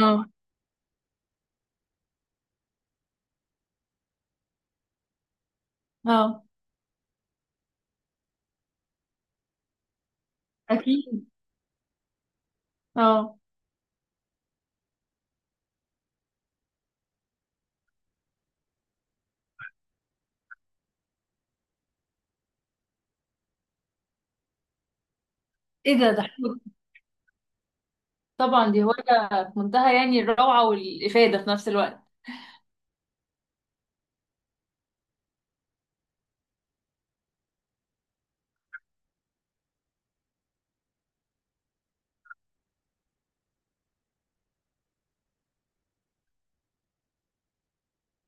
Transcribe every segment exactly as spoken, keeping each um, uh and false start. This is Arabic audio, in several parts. اه. اه. اكيد. اه. ايه ده ده حلو. طبعا دي هواية في منتهى يعني الروعة والإفادة في نفس الوقت.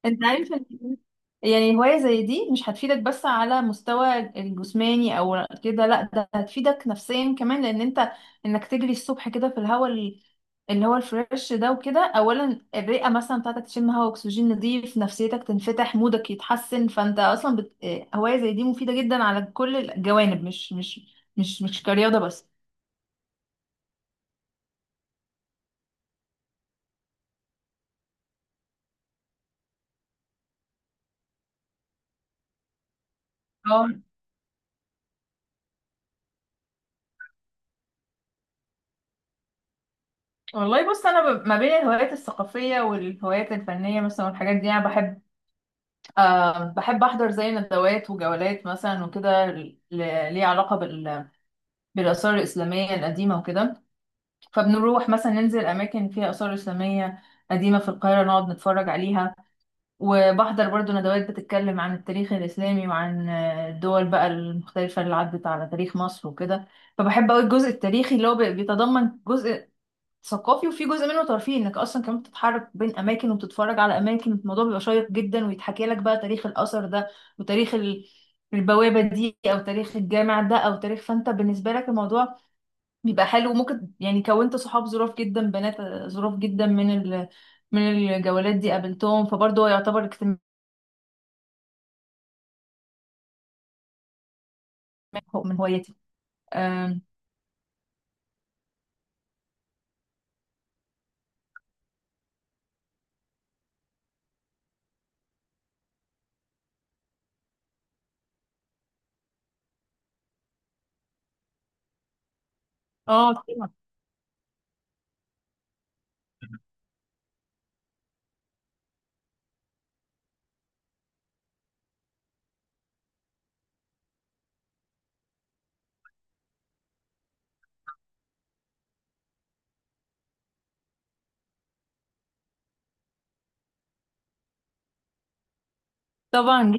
انت عارف ان يعني هواية زي دي مش هتفيدك بس على مستوى الجسماني او كده، لا، ده هتفيدك نفسيا كمان لان انت انك تجري الصبح كده في الهواء ال- اللي هو الفريش ده وكده، اولا الرئة مثلا بتاعتك تشم هواء اكسجين نضيف، نفسيتك تنفتح، مودك يتحسن، فانت اصلا بت... هواية زي دي مفيدة جدا على كل الجوانب، مش مش مش مش كرياضة بس. اه، والله بص انا ب- ما بين الهوايات الثقافيه والهوايات الفنيه مثلا والحاجات دي انا بحب، آه بحب احضر زي ندوات وجولات مثلا وكده ل- ليه علاقه بال بالاثار الاسلاميه القديمه وكده. فبنروح مثلا ننزل اماكن فيها اثار اسلاميه قديمه في القاهره نقعد نتفرج عليها. وبحضر برضو ندوات بتتكلم عن التاريخ الاسلامي وعن آه، الدول بقى المختلفه اللي عدت على تاريخ مصر وكده. فبحب قوي الجزء التاريخي اللي هو بي- بيتضمن جزء ثقافي وفي جزء منه ترفيهي، انك اصلا كمان بتتحرك بين اماكن وبتتفرج على اماكن، الموضوع بيبقى شيق جدا ويتحكي لك بقى تاريخ الاثر ده وتاريخ ال- البوابه دي او تاريخ الجامع ده او تاريخ، فانت بالنسبه لك الموضوع بيبقى حلو. وممكن يعني كونت صحاب ظراف جدا، بنات ظراف جدا من ال من الجولات دي قابلتهم، فبرضه هو يعتبر اجتماع من هوايتي. آم، اه طبعا، طبعا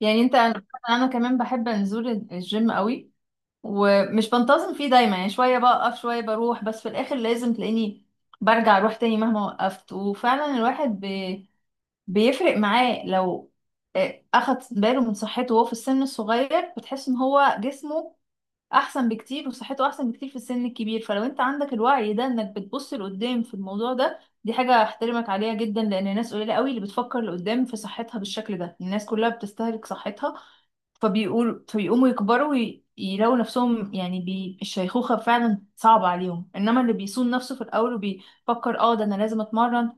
يعني انت انا أنا كمان بحب انزل الجيم قوي ومش بنتظم فيه دايما، يعني شوية بقف شوية بروح، بس في الآخر لازم تلاقيني برجع أروح تاني مهما وقفت. وفعلا الواحد بي... بيفرق معاه لو آه، أخد باله من صحته وهو في السن الصغير، بتحس إن هو جسمه أحسن بكتير وصحته أحسن بكتير في السن الكبير. فلو أنت عندك الوعي ده إنك بتبص لقدام في الموضوع ده، دي حاجة أحترمك عليها جدا، لأن الناس قليلة قوي اللي بتفكر لقدام في صحتها بالشكل ده. الناس كلها بتستهلك صحتها، فبيقول فبيقوموا يكبروا ويلاقوا نفسهم يعني بي... الشيخوخة فعلا صعبة عليهم، انما اللي بيصون نفسه في الاول وبيفكر اه ده انا لازم اتمرن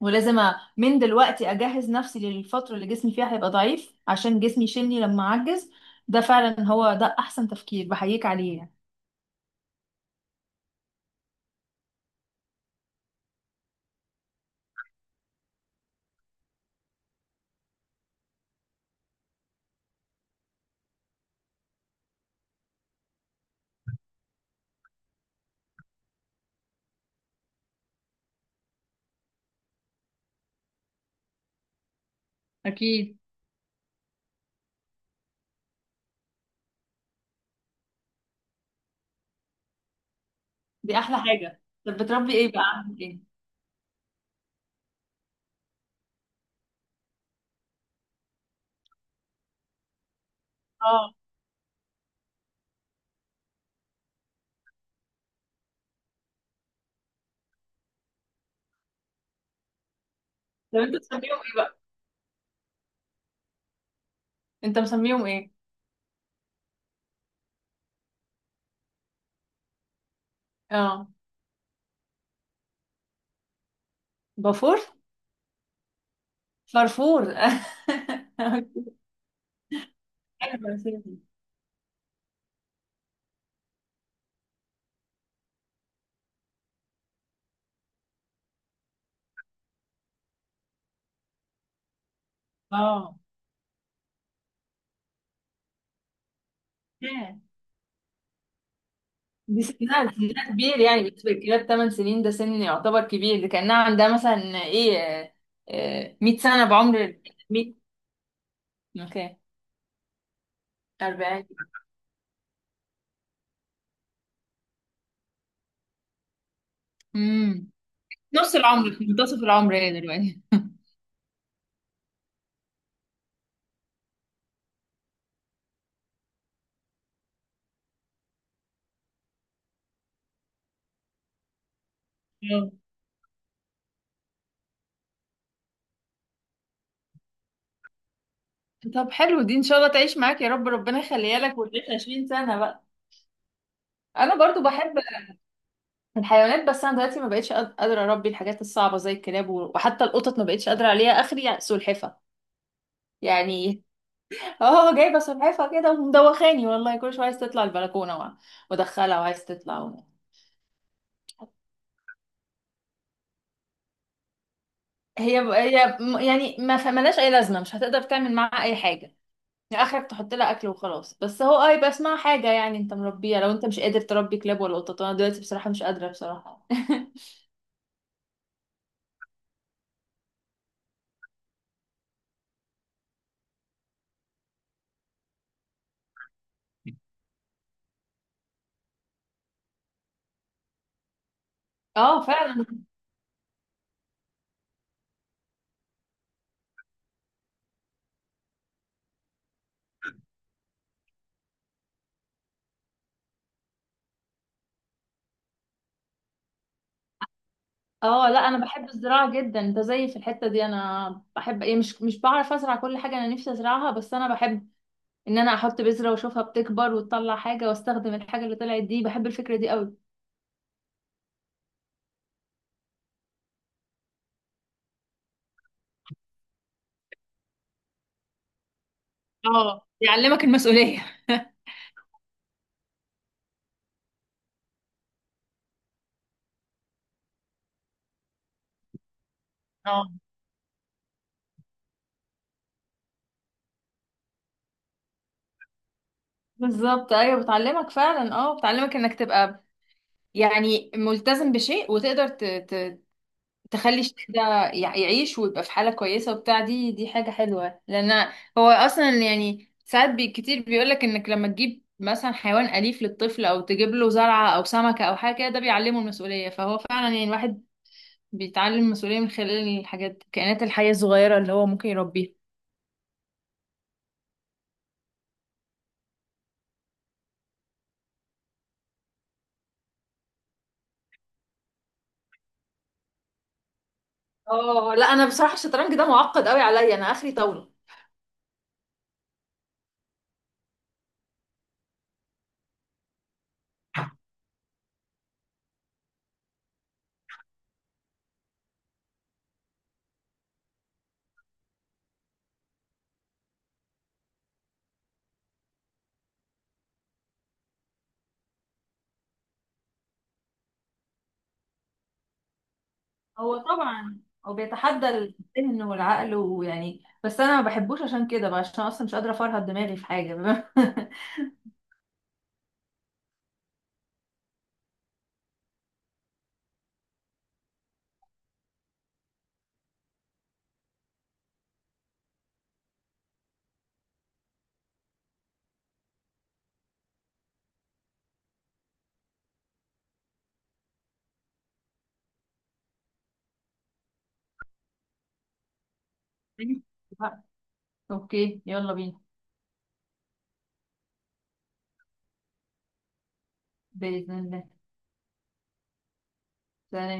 ولازم أ... من دلوقتي اجهز نفسي للفترة اللي جسمي فيها هيبقى ضعيف عشان جسمي يشيلني لما اعجز، ده فعلا هو ده احسن تفكير بحييك عليه يعني. اكيد. دي احلى حاجة. طب بتربي ايه بقى؟ عندك ايه؟ اه. طب انت مسميهم ايه بقى؟ انت مسميهم ايه؟ اه. بافور. فرفور. حلوة، سيدي. اه. ياه. دي سنها سنها كبير، يعني بالنسبة للكلاب تمن سنين ده سن يعتبر كبير، ده كأنها عندها مثلا ايه، آه، مائة سنة بعمر. مية. اوكي. اربعين. امم نص العمر، في منتصف العمر هي دلوقتي. آه. طب حلو، دي ان شاء الله تعيش معاك يا رب، ربنا يخليها لك وتعيش عشرين سنة بقى. انا برضو بحب الحيوانات، بس انا دلوقتي ما بقتش قاد- قادرة اربي الحاجات الصعبة زي الكلاب و- وحتى القطط ما بقتش قادرة عليها، اخري سلحفة يعني. اه، جايبه سلحفاه كده ومدوخاني والله، كل شويه عايز تطلع البلكونه وع- وادخلها وعايز تطلع و... هي هي م- يعني ما ف- ملهاش اي لازمه، مش هتقدر تعمل معاها اي حاجه، يعني اخرك تحط لها اكل وخلاص. بس هو اه يبقى اسمها حاجه يعني انت مربيها. لو انت مش قادر تربي كلاب ولا قطط، انا دلوقتي بصراحه مش قادره بصراحه. اه فعلا. اه لا، انا بحب الزراعه جدا. انت زيي في الحته دي، انا بحب ايه، مش مش بعرف ازرع كل حاجه انا نفسي ازرعها، بس انا بحب ان انا احط بذره واشوفها بتكبر وتطلع حاجه، واستخدم الحاجه اللي طلعت دي. بحب الفكره دي قوي. اه، يعلمك المسؤولية. اه بالظبط، ايوه بتعلمك فعلا، اه بتعلمك انك تبقى يعني ملتزم بشيء، وتقدر ت... ت... تخلي الشيء ده يع- يعيش ويبقى في حالة كويسة وبتاع. دي دي حاجة حلوة، لأن هو أصلا يعني ساعات بي كتير بيقولك إنك لما تجيب مثلا حيوان أليف للطفل أو تجيب له زرعة أو سمكة أو حاجة كده، ده بيعلمه المسؤولية. فهو فعلا يعني الواحد بيتعلم المسؤولية من خلال الحاجات الكائنات الحية الصغيرة اللي هو ممكن يربيها. اه لا، انا بصراحه الشطرنج ده معقد قوي عليا، انا اخري طاوله. هو طبعا، هو بيتحدى الذهن والعقل ويعني، بس انا ما بحبوش عشان كده بقى، عشان اصلا مش قادره افرهد دماغي في حاجه. اوكي يلا بينا. باذن الله. سلام.